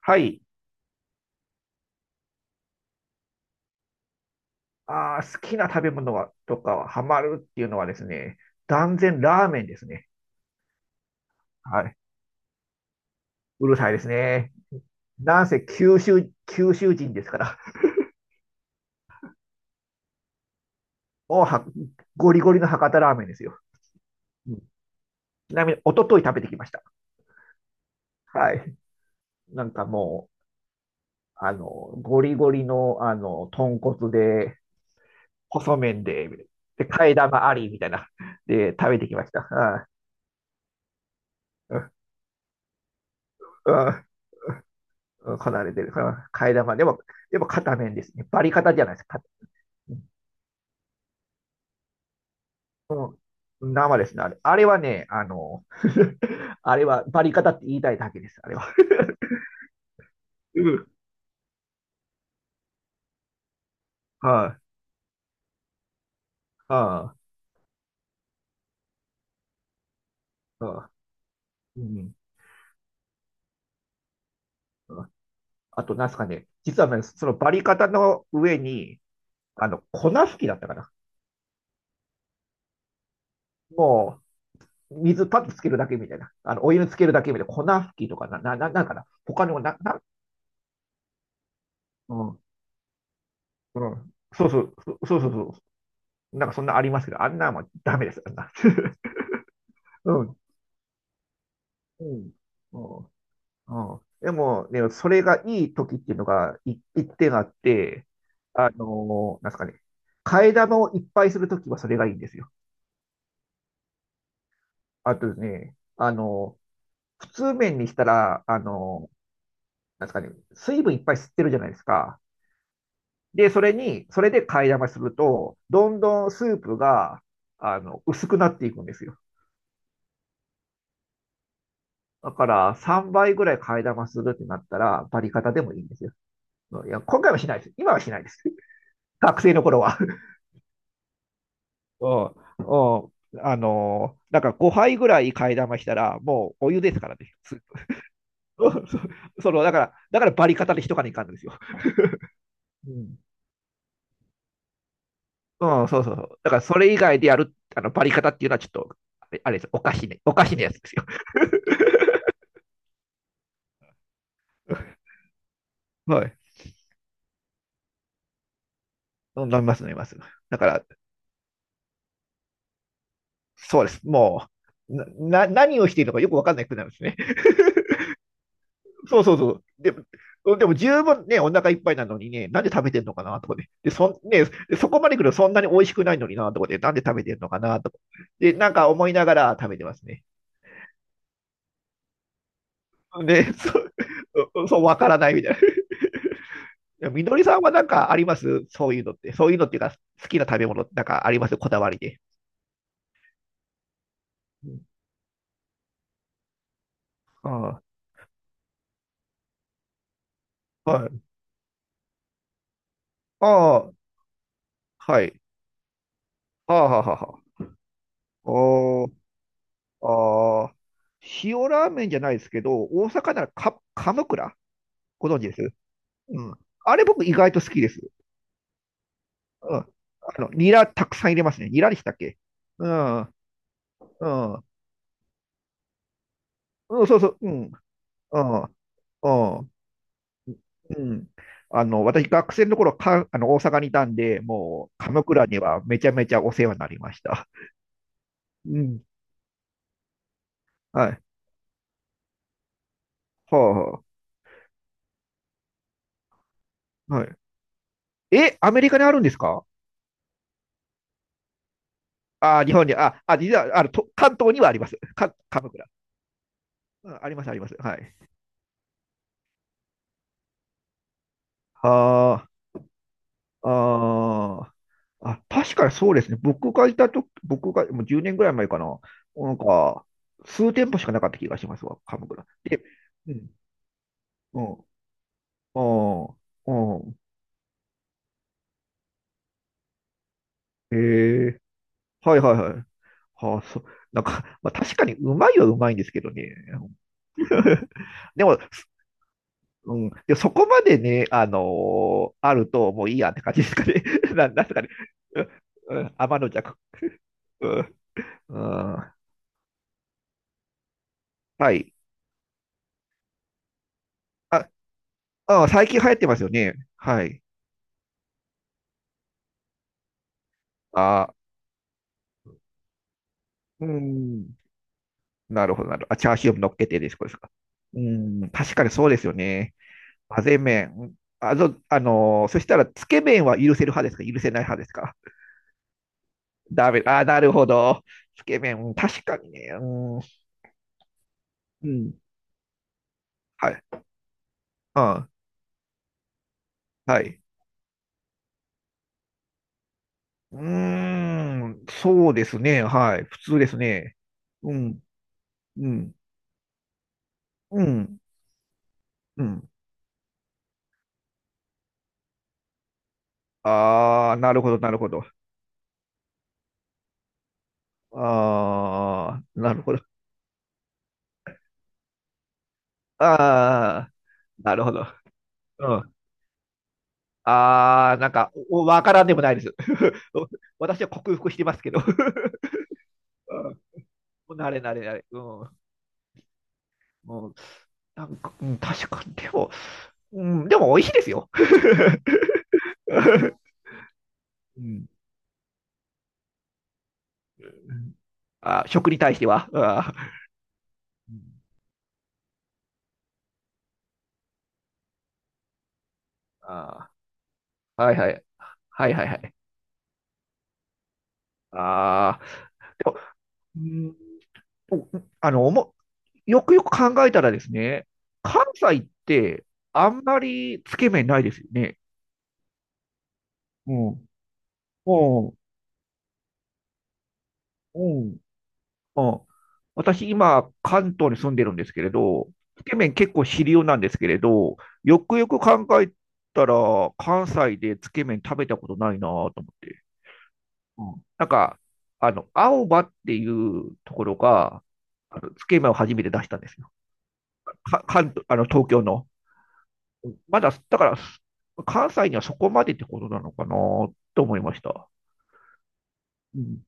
はい。好きな食べ物はとかはハマるっていうのはですね、断然ラーメンですね。はい。うるさいですね。なんせ九州人ですから、もうはゴリゴリの博多ラーメンですよ。うん、ちなみに、一昨日食べてきました。はい。なんかもう、あの、ゴリゴリの、豚骨で、細麺で、で、替え玉ありみたいな、で、食べてきました。はい。うんうんうんこなれてる。うん、替え玉。でも、でも、片面ですね。バリカタじゃないです。うん、生ですね、あれ。あれはね、あれはバリカタって言いたいだけです、あれは。うん。はい、はい、はい、うん。うん、あと、なんすかね、実はね、そのバリカタの上に、粉吹きだったかな。もう、水パッとつけるだけみたいな。お湯につけるだけみたいな。粉吹きとかな。他のな、うん、うん。そうそう、そうそうそう。なんかそんなありますけど、あんなもんダメです、あんな。うん、うん、うん。うん、でも、ね、それがいい時っていうのがい一点あって、なんですかね、替え玉をいっぱいするときはそれがいいんですよ。あとですね、普通麺にしたら、なんですかね、水分いっぱい吸ってるじゃないですか。で、それで替え玉すると、どんどんスープが、薄くなっていくんですよ。だから、3倍ぐらい替え玉するってなったら、バリカタでもいいんですよ。いや、今回はしないです。今はしないです。学生の頃は。うん、うん、だから5杯ぐらい替え玉したら、もうお湯ですからね。その、だから、だからバリ方で一かにいかんのですよ。うん、うん、そうそうそう。だからそれ以外でやる、バリ方っていうのはちょっと、あれあれです。おかしいね。おかしいなやつですよ。はい。飲みます、飲みます。だから、そうです。もう、何をしているのかよくわかんなくなるんですね。そうそうそう。でも、でも十分ね、お腹いっぱいなのにね、なんで食べてんのかなとかね。で、そん、ね、そこまで来るとそんなに美味しくないのになとかで、なんで食べてんのかなとか。で、なんか思いながら食べてますね。で、そう、うそう、わからないみたいな。みのりさんはなんかありますそういうのって。そういうのっていうか、好きな食べ物なんかありますこだわりで。うん、ああ、はい。ああ、はい。ああ、はあはあはあ。おー、ああ、塩ラーメンじゃないですけど、大阪ならカムクラご存知です？うん。あれ僕意外と好きです。うん。ニラたくさん入れますね。ニラでしたっけ？うん。うん。うん、そうそう。うん。うん。うん。うん。私、学生の頃か、あの、大阪にいたんで、もう、鎌倉にはめちゃめちゃお世話になりました。うん。はい。はあ、はい。え、アメリカにあるんですか？あ、日本に、実は、あの、関東にはあります。鎌倉。うん、あります、あります。はい。はあ。あー、あ、確かにそうですね。僕がいたと僕がもう10年ぐらい前かな。なんか、数店舗しかなかった気がしますわ、鎌倉。で、うん、うん、うん、うん。へえ、はいはいはい。はあ、そう、なんか、まあ、確かにうまいはうまいんですけどね。でも、うん、でそこまでね、あるともういいやって感じですかね。なんすかね。うん、うん天の弱。うん、うん、はい。あ、ああ、最近流行ってますよね。はい。ああ、うん。なるほど、なるほど。あ、チャーシューも乗っけてですか？ですか？うん。確かにそうですよね。混ぜ麺。うん、そしたら、つけ麺は許せる派ですか？許せない派ですか？ダメ。ああ、なるほど。つけ麺。うん、確かにね。うん。うん。はい。うん。はい。うーん。そうですね。はい。普通ですね。うん。うん。うん。うん。ああ、なるほど、なるほど。ああ、なるほど。ああ、なるほど。うん。ああ、なんか、おわからんでもないです。私は克服してますけど。うん、なれなれなれ。うん。もうなんか、うん、確かに、でも、うん、でも美味しいですよ。うん、あ、食に対しては。あー、うん、あー、はいはい。はいはいはい。ああ、でも、うんおあの、おも、よくよく考えたらですね、関西ってあんまりつけ麺ないですよね。うん。うん。うん。うん。私、今、関東に住んでるんですけれど、つけ麺結構主流なんですけれど、よくよく考えたら、関西でつけ麺食べたことないなと思って。うん。なんか、青葉っていうところが、あのつけ麺を初めて出したんですよ。関東、東京の。まだ、だから、関西にはそこまでってことなのかなと思いました。うん。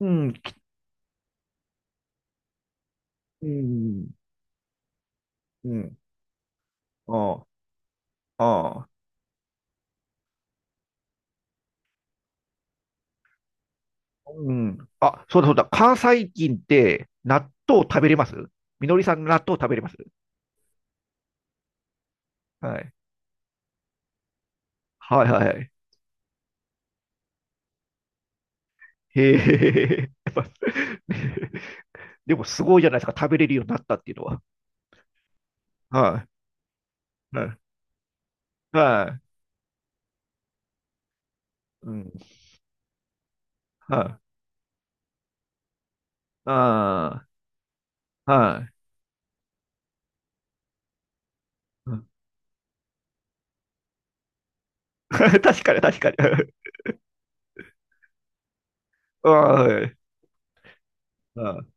うん。うん。うん。ああ。ああ。うん。あ、そうだそうだ。関西人って納豆食べれます？みのりさん納豆食べれます？はい。はいはいはい。へえ。やっぱ でもすごいじゃないですか。食べれるようになったっていうのは。はい。はい。はい。うん。はい。ああ。はい。うん、 確かに確かに。はい。はい。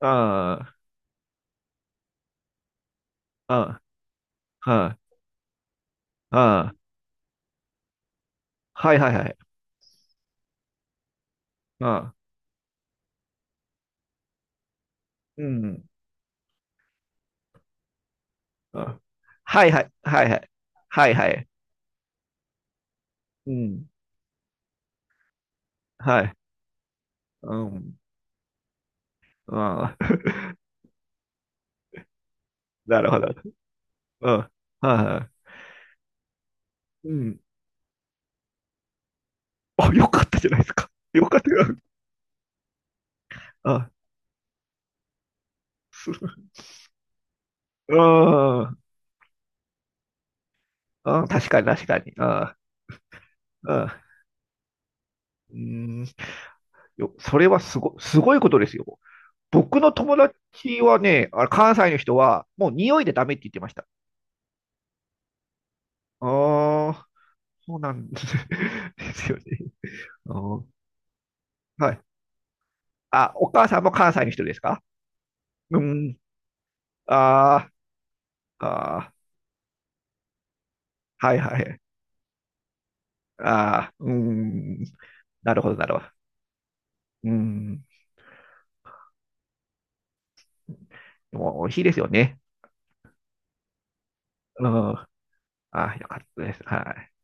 ああ、ああ、ああ、ああ、はいはいはい。ああ、うん。あ、はいはい、はいはい。はいはい。うん。はい。うん。ああ、なるほど。うん。はいはい。うん。あ、よかったじゃないですか。よかったよ。ああ、す、ああ、ああ、確かに確かに。ああ、ああ、うん。それはすご、すごいことですよ。僕の友達はね、あ関西の人は、もう匂いでダメって言ってました。ああ。そうなんです？ ですよね。うん、はい。あ、お母さんも関西の人ですか？うん。あーあー、はいはい。あーうーん。なるほど、なるほど。うーん。でも美味しいですよね。うん。あーよかったです。はい。